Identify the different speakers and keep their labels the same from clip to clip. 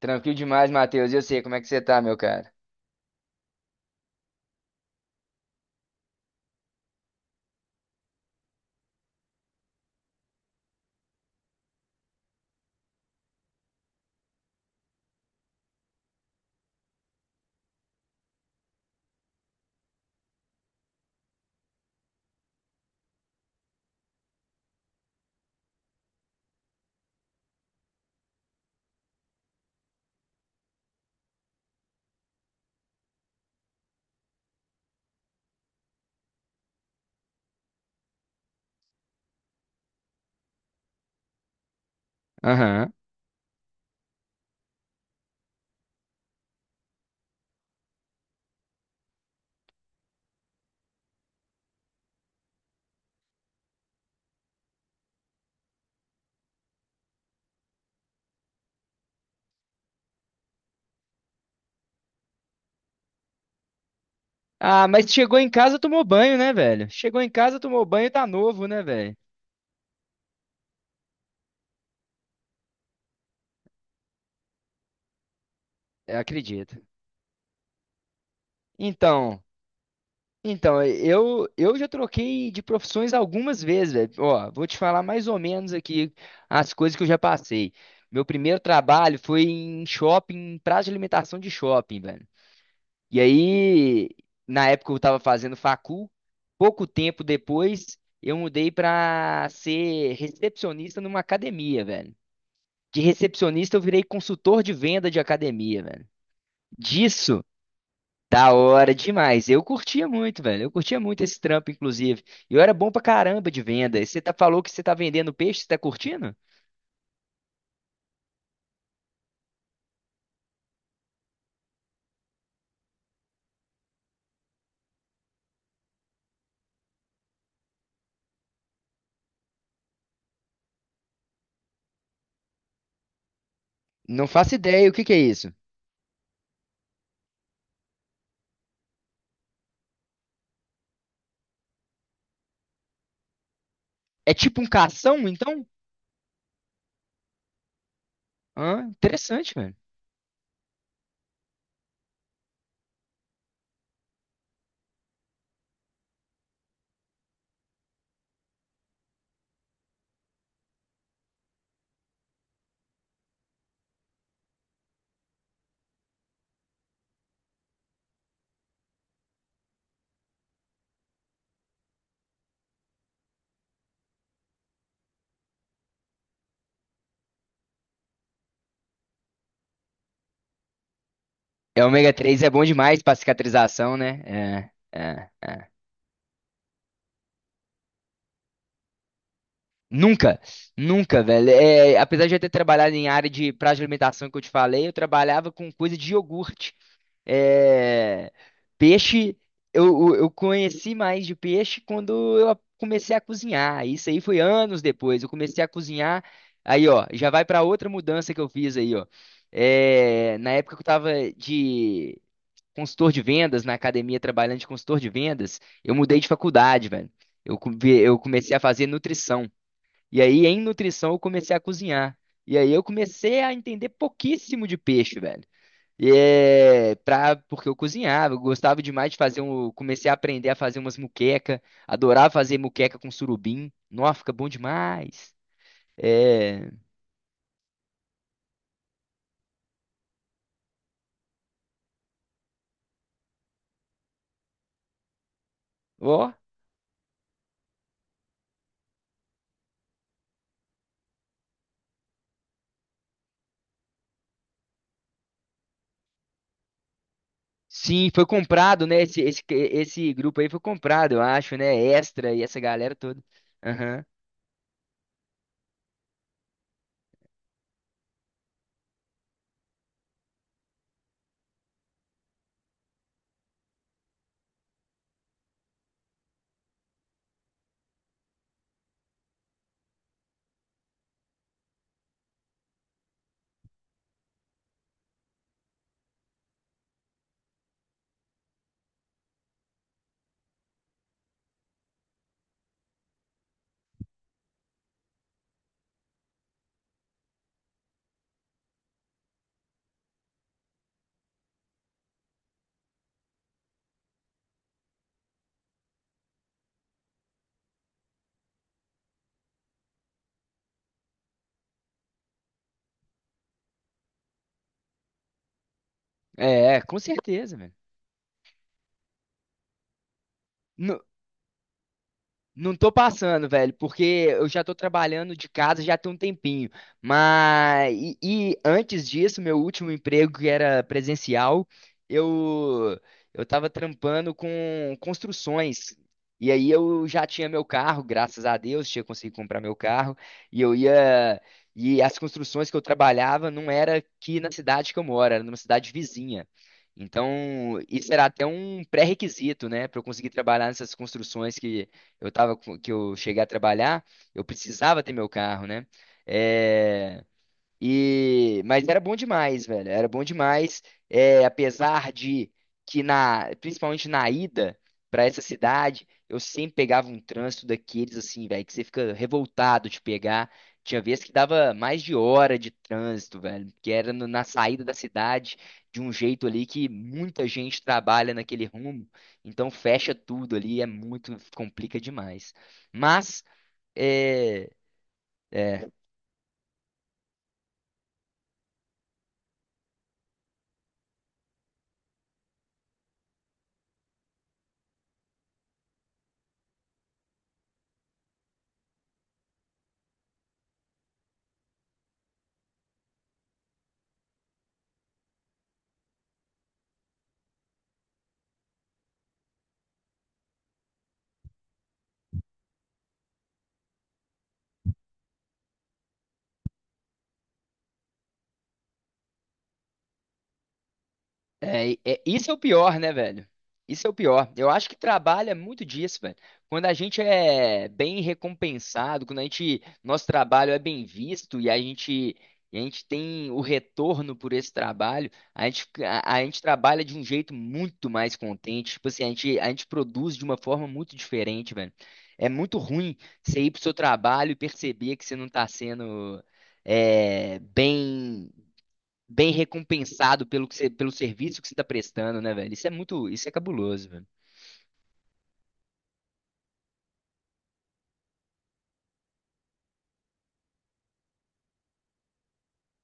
Speaker 1: Tranquilo demais, Matheus. Eu sei como é que você tá, meu cara. Aham. Ah, mas chegou em casa, tomou banho, né, velho? Chegou em casa, tomou banho, tá novo, né, velho? Eu acredito. Então, então, eu já troquei de profissões algumas vezes, velho. Ó, vou te falar mais ou menos aqui as coisas que eu já passei. Meu primeiro trabalho foi em shopping, praça de alimentação de shopping, velho. E aí, na época eu estava fazendo facul, pouco tempo depois eu mudei para ser recepcionista numa academia, velho. De recepcionista eu virei consultor de venda de academia, velho. Disso, da hora demais. Eu curtia muito, velho. Eu curtia muito esse trampo, inclusive. Eu era bom pra caramba de venda. E você tá, falou que você tá vendendo peixe, você tá curtindo? Não faço ideia, o que que é isso? É tipo um cação, então? Ah, interessante, velho. É, ômega 3 é bom demais pra cicatrização, né? É, é, é. Nunca, nunca, velho. É, apesar de eu ter trabalhado em área de prazo de alimentação que eu te falei, eu trabalhava com coisa de iogurte. É, peixe, eu, eu conheci mais de peixe quando eu comecei a cozinhar. Isso aí foi anos depois. Eu comecei a cozinhar. Aí, ó, já vai pra outra mudança que eu fiz aí, ó. É, na época que eu tava de consultor de vendas, na academia trabalhando de consultor de vendas, eu mudei de faculdade, velho. Eu, co- eu comecei a fazer nutrição. E aí, em nutrição, eu comecei a cozinhar. E aí, eu comecei a entender pouquíssimo de peixe, velho. E é pra, porque eu cozinhava, eu gostava demais de fazer um. Comecei a aprender a fazer umas muqueca, adorava fazer muqueca com surubim. Nossa, fica bom demais. É. Ó. Sim, foi comprado, né? Esse grupo aí foi comprado, eu acho, né? Extra e essa galera toda. Aham. É, com certeza, velho. Não tô passando, velho, porque eu já tô trabalhando de casa já tem um tempinho. Mas e antes disso, meu último emprego que era presencial, eu eu tava trampando com construções. E aí eu já tinha meu carro, graças a Deus, tinha conseguido comprar meu carro, e eu ia e as construções que eu trabalhava não era aqui na cidade que eu moro, era numa cidade vizinha. Então, isso era até um pré-requisito, né, para eu conseguir trabalhar nessas construções que que eu cheguei a trabalhar, eu precisava ter meu carro, né? É, e, mas era bom demais, velho. Era bom demais, é, apesar de que na, principalmente na ida pra essa cidade, eu sempre pegava um trânsito daqueles assim, velho, que você fica revoltado de pegar. Tinha vezes que dava mais de hora de trânsito, velho, que era na saída da cidade, de um jeito ali que muita gente trabalha naquele rumo, então fecha tudo ali, é muito, complica demais. Mas é, é, isso é o pior, né, velho? Isso é o pior. Eu acho que trabalha muito disso, velho. Quando a gente é bem recompensado, quando a gente, nosso trabalho é bem visto e a gente tem o retorno por esse trabalho, a gente trabalha de um jeito muito mais contente. Tipo assim, a gente produz de uma forma muito diferente, velho. É muito ruim você ir pro seu trabalho e perceber que você não tá sendo é, bem recompensado pelo que você, pelo serviço que você tá prestando, né, velho? Isso é muito, isso é cabuloso, velho.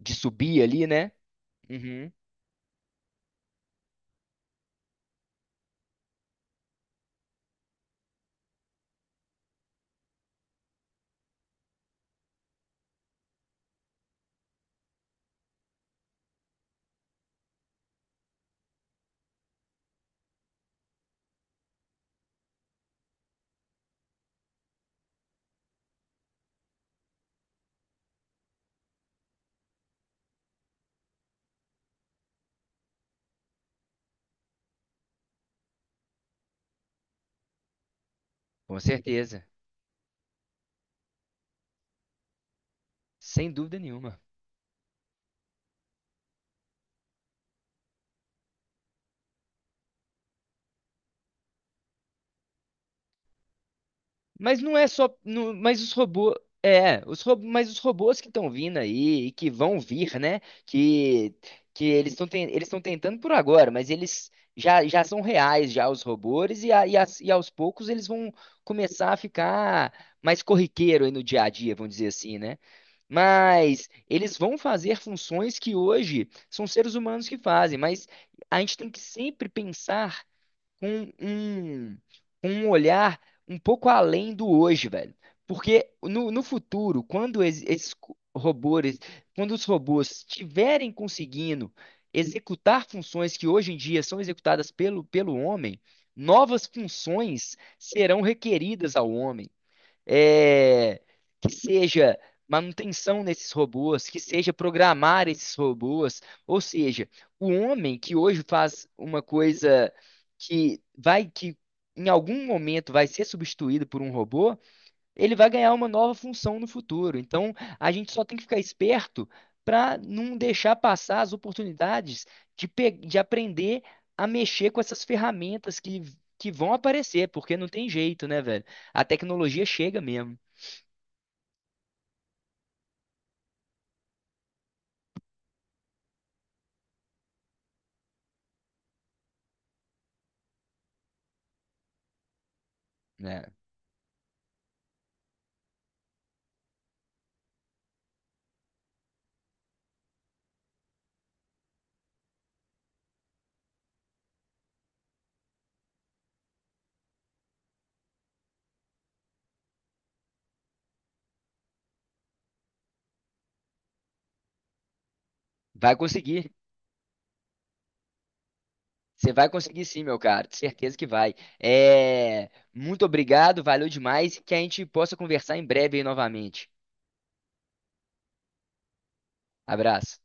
Speaker 1: De subir ali, né? Uhum, com certeza. Sem dúvida nenhuma. Mas não é só, mas os robôs, é, os robôs, mas os robôs que estão vindo aí e que vão vir, né? Que que eles estão tentando por agora, mas eles já, já são reais já os robôs e aos poucos eles vão começar a ficar mais corriqueiro aí no dia a dia, vamos dizer assim, né? Mas eles vão fazer funções que hoje são seres humanos que fazem, mas a gente tem que sempre pensar com um, com um olhar um pouco além do hoje, velho. Porque no futuro, quando robôs, quando os robôs estiverem conseguindo executar funções que hoje em dia são executadas pelo, pelo homem, novas funções serão requeridas ao homem é, que seja manutenção desses robôs, que seja programar esses robôs, ou seja, o homem que hoje faz uma coisa que vai que em algum momento vai ser substituído por um robô ele vai ganhar uma nova função no futuro. Então, a gente só tem que ficar esperto para não deixar passar as oportunidades de de aprender a mexer com essas ferramentas que vão aparecer, porque não tem jeito, né, velho? A tecnologia chega mesmo, né? Vai conseguir. Você vai conseguir sim, meu cara, de certeza que vai. É, muito obrigado, valeu demais e que a gente possa conversar em breve aí novamente. Abraço.